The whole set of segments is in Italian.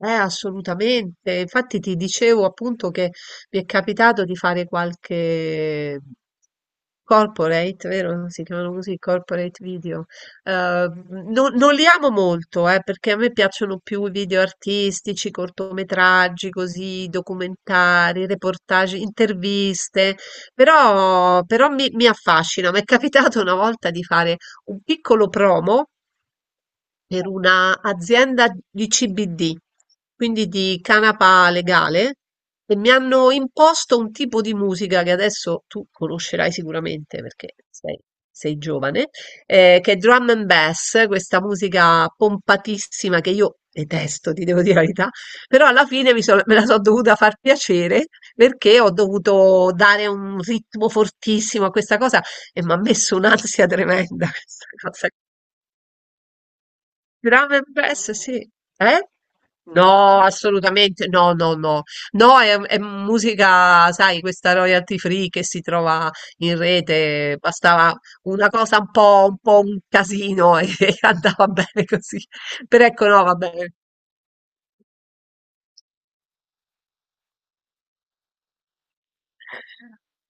Assolutamente. Infatti ti dicevo appunto che mi è capitato di fare qualche corporate, vero? Si chiamano così, corporate video. Eh, non li amo molto, perché a me piacciono più i video artistici, cortometraggi, così, documentari, reportage, interviste, però mi affascina. Mi è capitato una volta di fare un piccolo promo per una azienda di CBD, quindi di canapa legale, e mi hanno imposto un tipo di musica che adesso tu conoscerai sicuramente perché sei giovane, che è drum and bass, questa musica pompatissima che io detesto, ti devo dire la verità, però alla fine me la sono dovuta far piacere perché ho dovuto dare un ritmo fortissimo a questa cosa e mi ha messo un'ansia tremenda questa cosa. Drum and bass, sì. Eh? No, assolutamente, no, no, no. No, è musica, sai, questa royalty free che si trova in rete, bastava una cosa un po' un casino e andava bene così. Però ecco, no, va bene.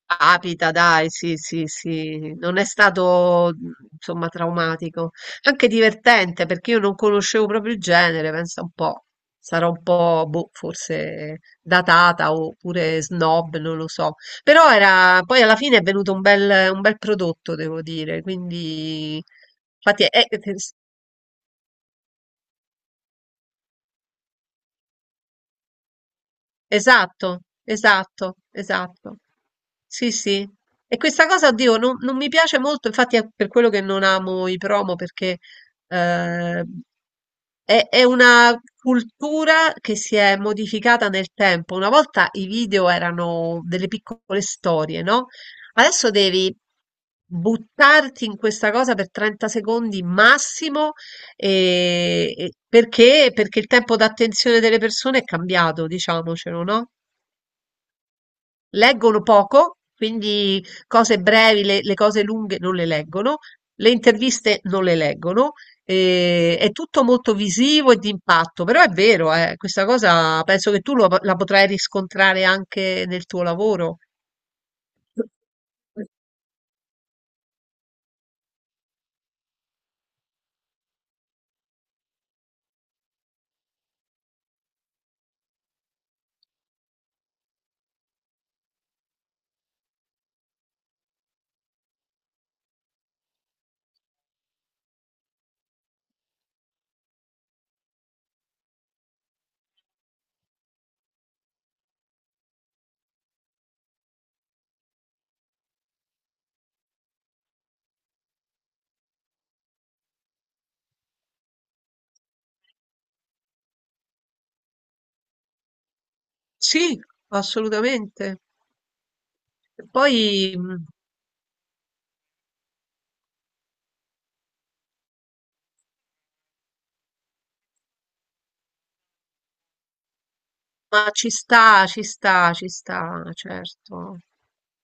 Capita dai, sì, sì, sì, non è stato insomma traumatico, anche divertente perché io non conoscevo proprio il genere, pensa un po', sarò un po', boh, forse datata oppure snob, non lo so, però era, poi alla fine è venuto un bel prodotto, devo dire, quindi infatti è, esatto, esatto, esatto. Sì, sì. E questa cosa, oddio, non mi piace molto, infatti è per quello che non amo i promo, perché eh, è una cultura che si è modificata nel tempo. Una volta i video erano delle piccole storie, no? Adesso devi buttarti in questa cosa per 30 secondi massimo perché? Perché il tempo d'attenzione delle persone è cambiato, diciamocelo, no? Leggono poco, quindi cose brevi, le cose lunghe non le leggono, le interviste non le leggono, è tutto molto visivo e di impatto, però è vero, questa cosa penso che la potrai riscontrare anche nel tuo lavoro. Sì, assolutamente. E Poi, mh, Ma ci sta, ci sta, ci sta, certo.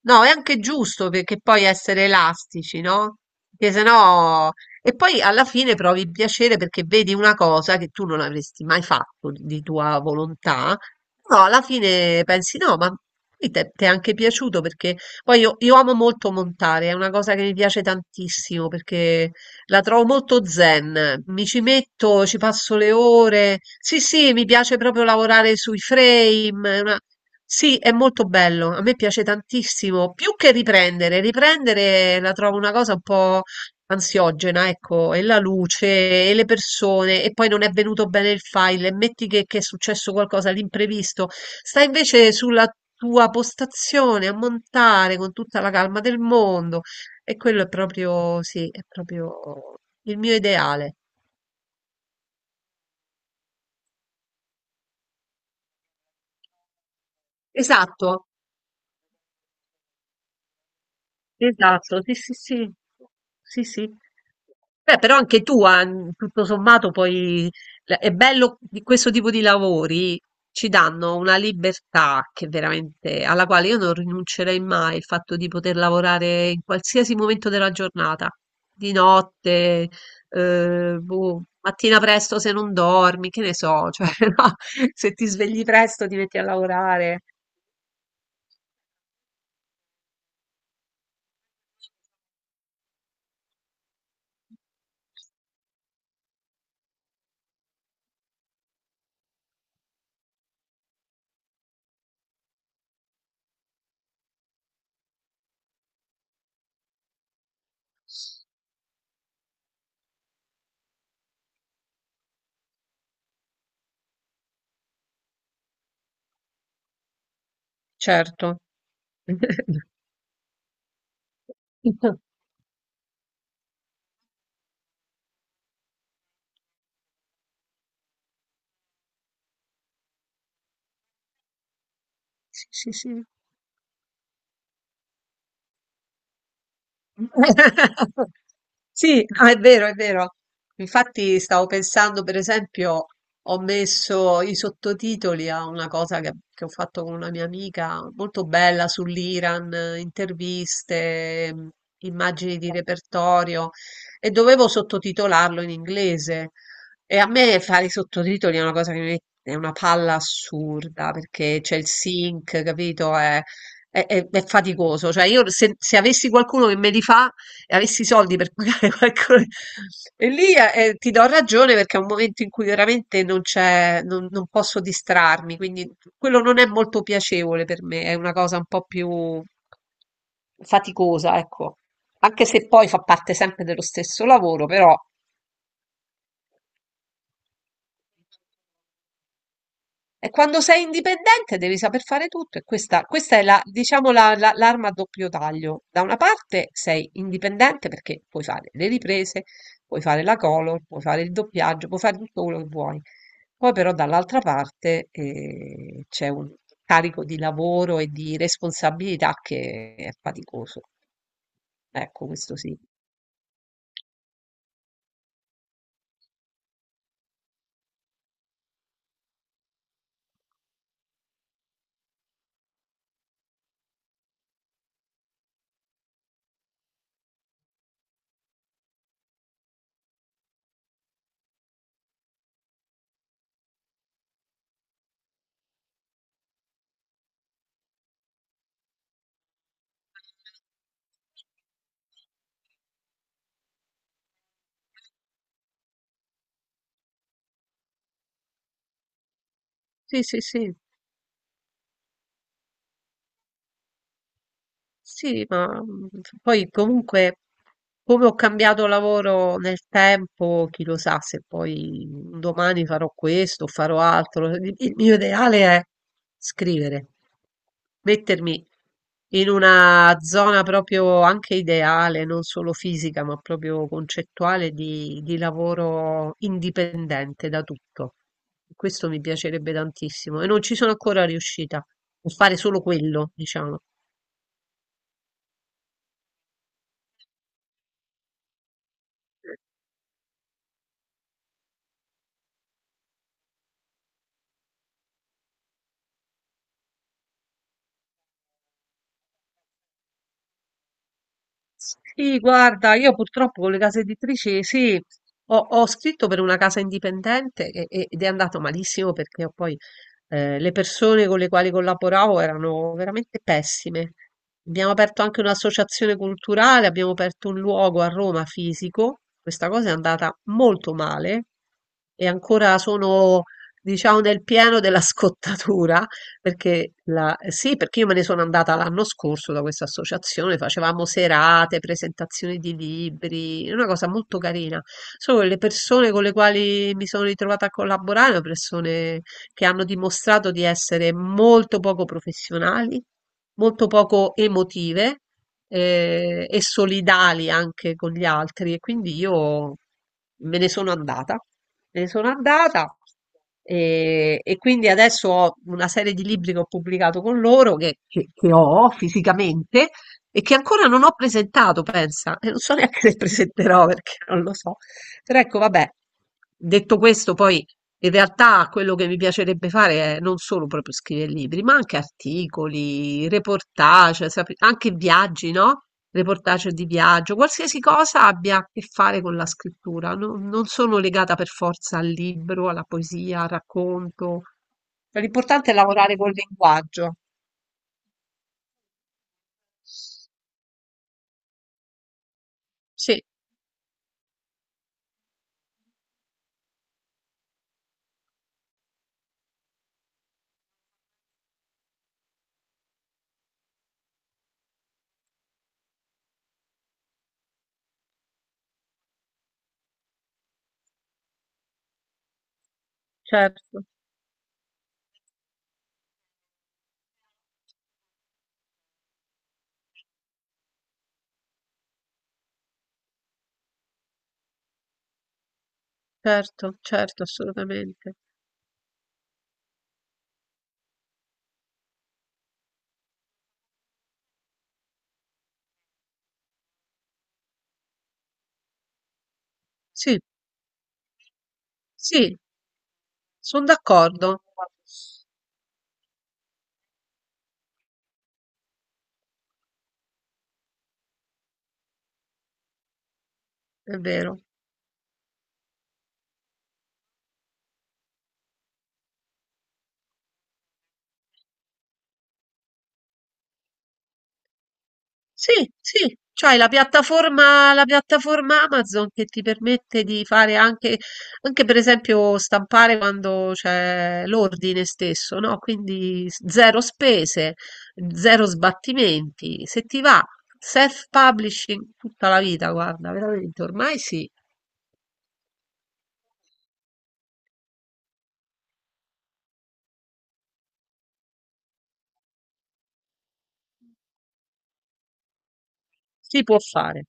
No, è anche giusto perché poi essere elastici, no? Perché sennò... E poi alla fine provi piacere perché vedi una cosa che tu non avresti mai fatto di tua volontà, però alla fine pensi no, ma ti è anche piaciuto perché poi io amo molto montare, è una cosa che mi piace tantissimo perché la trovo molto zen, mi ci metto, ci passo le ore. Sì, sì, mi piace proprio lavorare sui frame. Sì, è molto bello, a me piace tantissimo, più che riprendere. Riprendere la trovo una cosa un po' ansiogena, ecco, e la luce, e le persone, e poi non è venuto bene il file, e metti che è successo qualcosa, l'imprevisto. Sta invece sulla tua postazione a montare con tutta la calma del mondo. E quello è proprio sì, è proprio il mio ideale. Esatto, esatto, sì, sì, sì. Sì, sì. Beh, però anche tu, ah, tutto sommato, poi è bello di questo tipo di lavori, ci danno una libertà che veramente, alla quale io non rinuncerei mai, il fatto di poter lavorare in qualsiasi momento della giornata, di notte, boh, mattina presto se non dormi, che ne so, cioè, no, se ti svegli presto ti metti a lavorare, certo. Sì, sì, sì. Sì, no, è vero, è vero. Infatti stavo pensando, per esempio, ho messo i sottotitoli a una cosa che ho fatto con una mia amica, molto bella sull'Iran, interviste, immagini di repertorio, e dovevo sottotitolarlo in inglese. E a me fare i sottotitoli è una cosa che mi è una palla assurda, perché c'è il sync, capito? È faticoso. Cioè, io se avessi qualcuno che me li fa e avessi i soldi per pagare qualcuno, e lì ti do ragione perché è un momento in cui veramente non c'è, non, non posso distrarmi, quindi quello non è molto piacevole per me, è una cosa un po' più faticosa, ecco. Anche se poi fa parte sempre dello stesso lavoro, però. E quando sei indipendente devi saper fare tutto e questa è la, diciamo l'arma a doppio taglio. Da una parte sei indipendente perché puoi fare le riprese, puoi fare la color, puoi fare il doppiaggio, puoi fare tutto quello che vuoi. Poi però dall'altra parte c'è un carico di lavoro e di responsabilità che è faticoso. Ecco, questo sì. Sì, sì, sì. Sì, ma mm, poi comunque come ho cambiato lavoro nel tempo, chi lo sa se poi un domani farò questo o farò altro. Il mio ideale è scrivere, mettermi in una zona proprio anche ideale, non solo fisica, ma proprio concettuale di lavoro indipendente da tutto. Questo mi piacerebbe tantissimo e non ci sono ancora riuscita a fare solo quello, diciamo. Sì, guarda, io purtroppo con le case editrici, sì, ho scritto per una casa indipendente ed è andato malissimo perché poi le persone con le quali collaboravo erano veramente pessime. Abbiamo aperto anche un'associazione culturale, abbiamo aperto un luogo a Roma fisico, questa cosa è andata molto male e ancora sono, diciamo, nel pieno della scottatura. Sì, perché io me ne sono andata l'anno scorso da questa associazione, facevamo serate, presentazioni di libri, è una cosa molto carina. Solo che le persone con le quali mi sono ritrovata a collaborare, sono persone che hanno dimostrato di essere molto poco professionali, molto poco emotive e solidali anche con gli altri e quindi io me ne sono andata, me ne sono andata e quindi adesso ho una serie di libri che ho pubblicato con loro che ho fisicamente e che ancora non ho presentato, pensa, e non so neanche se presenterò perché non lo so. Però ecco, vabbè, detto questo, poi in realtà quello che mi piacerebbe fare è non solo proprio scrivere libri, ma anche articoli, reportage, anche viaggi, no? Reportage di viaggio, qualsiasi cosa abbia a che fare con la scrittura. Non sono legata per forza al libro, alla poesia, al racconto. L'importante è lavorare col linguaggio. Sì, certo, certo, certo, assolutamente. Sì, sì, sono d'accordo. È vero. Sì, sì, c'hai la piattaforma Amazon che ti permette di fare anche, anche per esempio stampare quando c'è l'ordine stesso, no? Quindi zero spese, zero sbattimenti. Se ti va, self-publishing tutta la vita, guarda, veramente ormai sì, si può fare.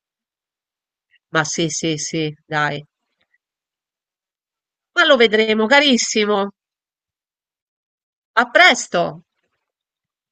Ma sì, sì, sì, dai. Ma lo vedremo, carissimo. A presto!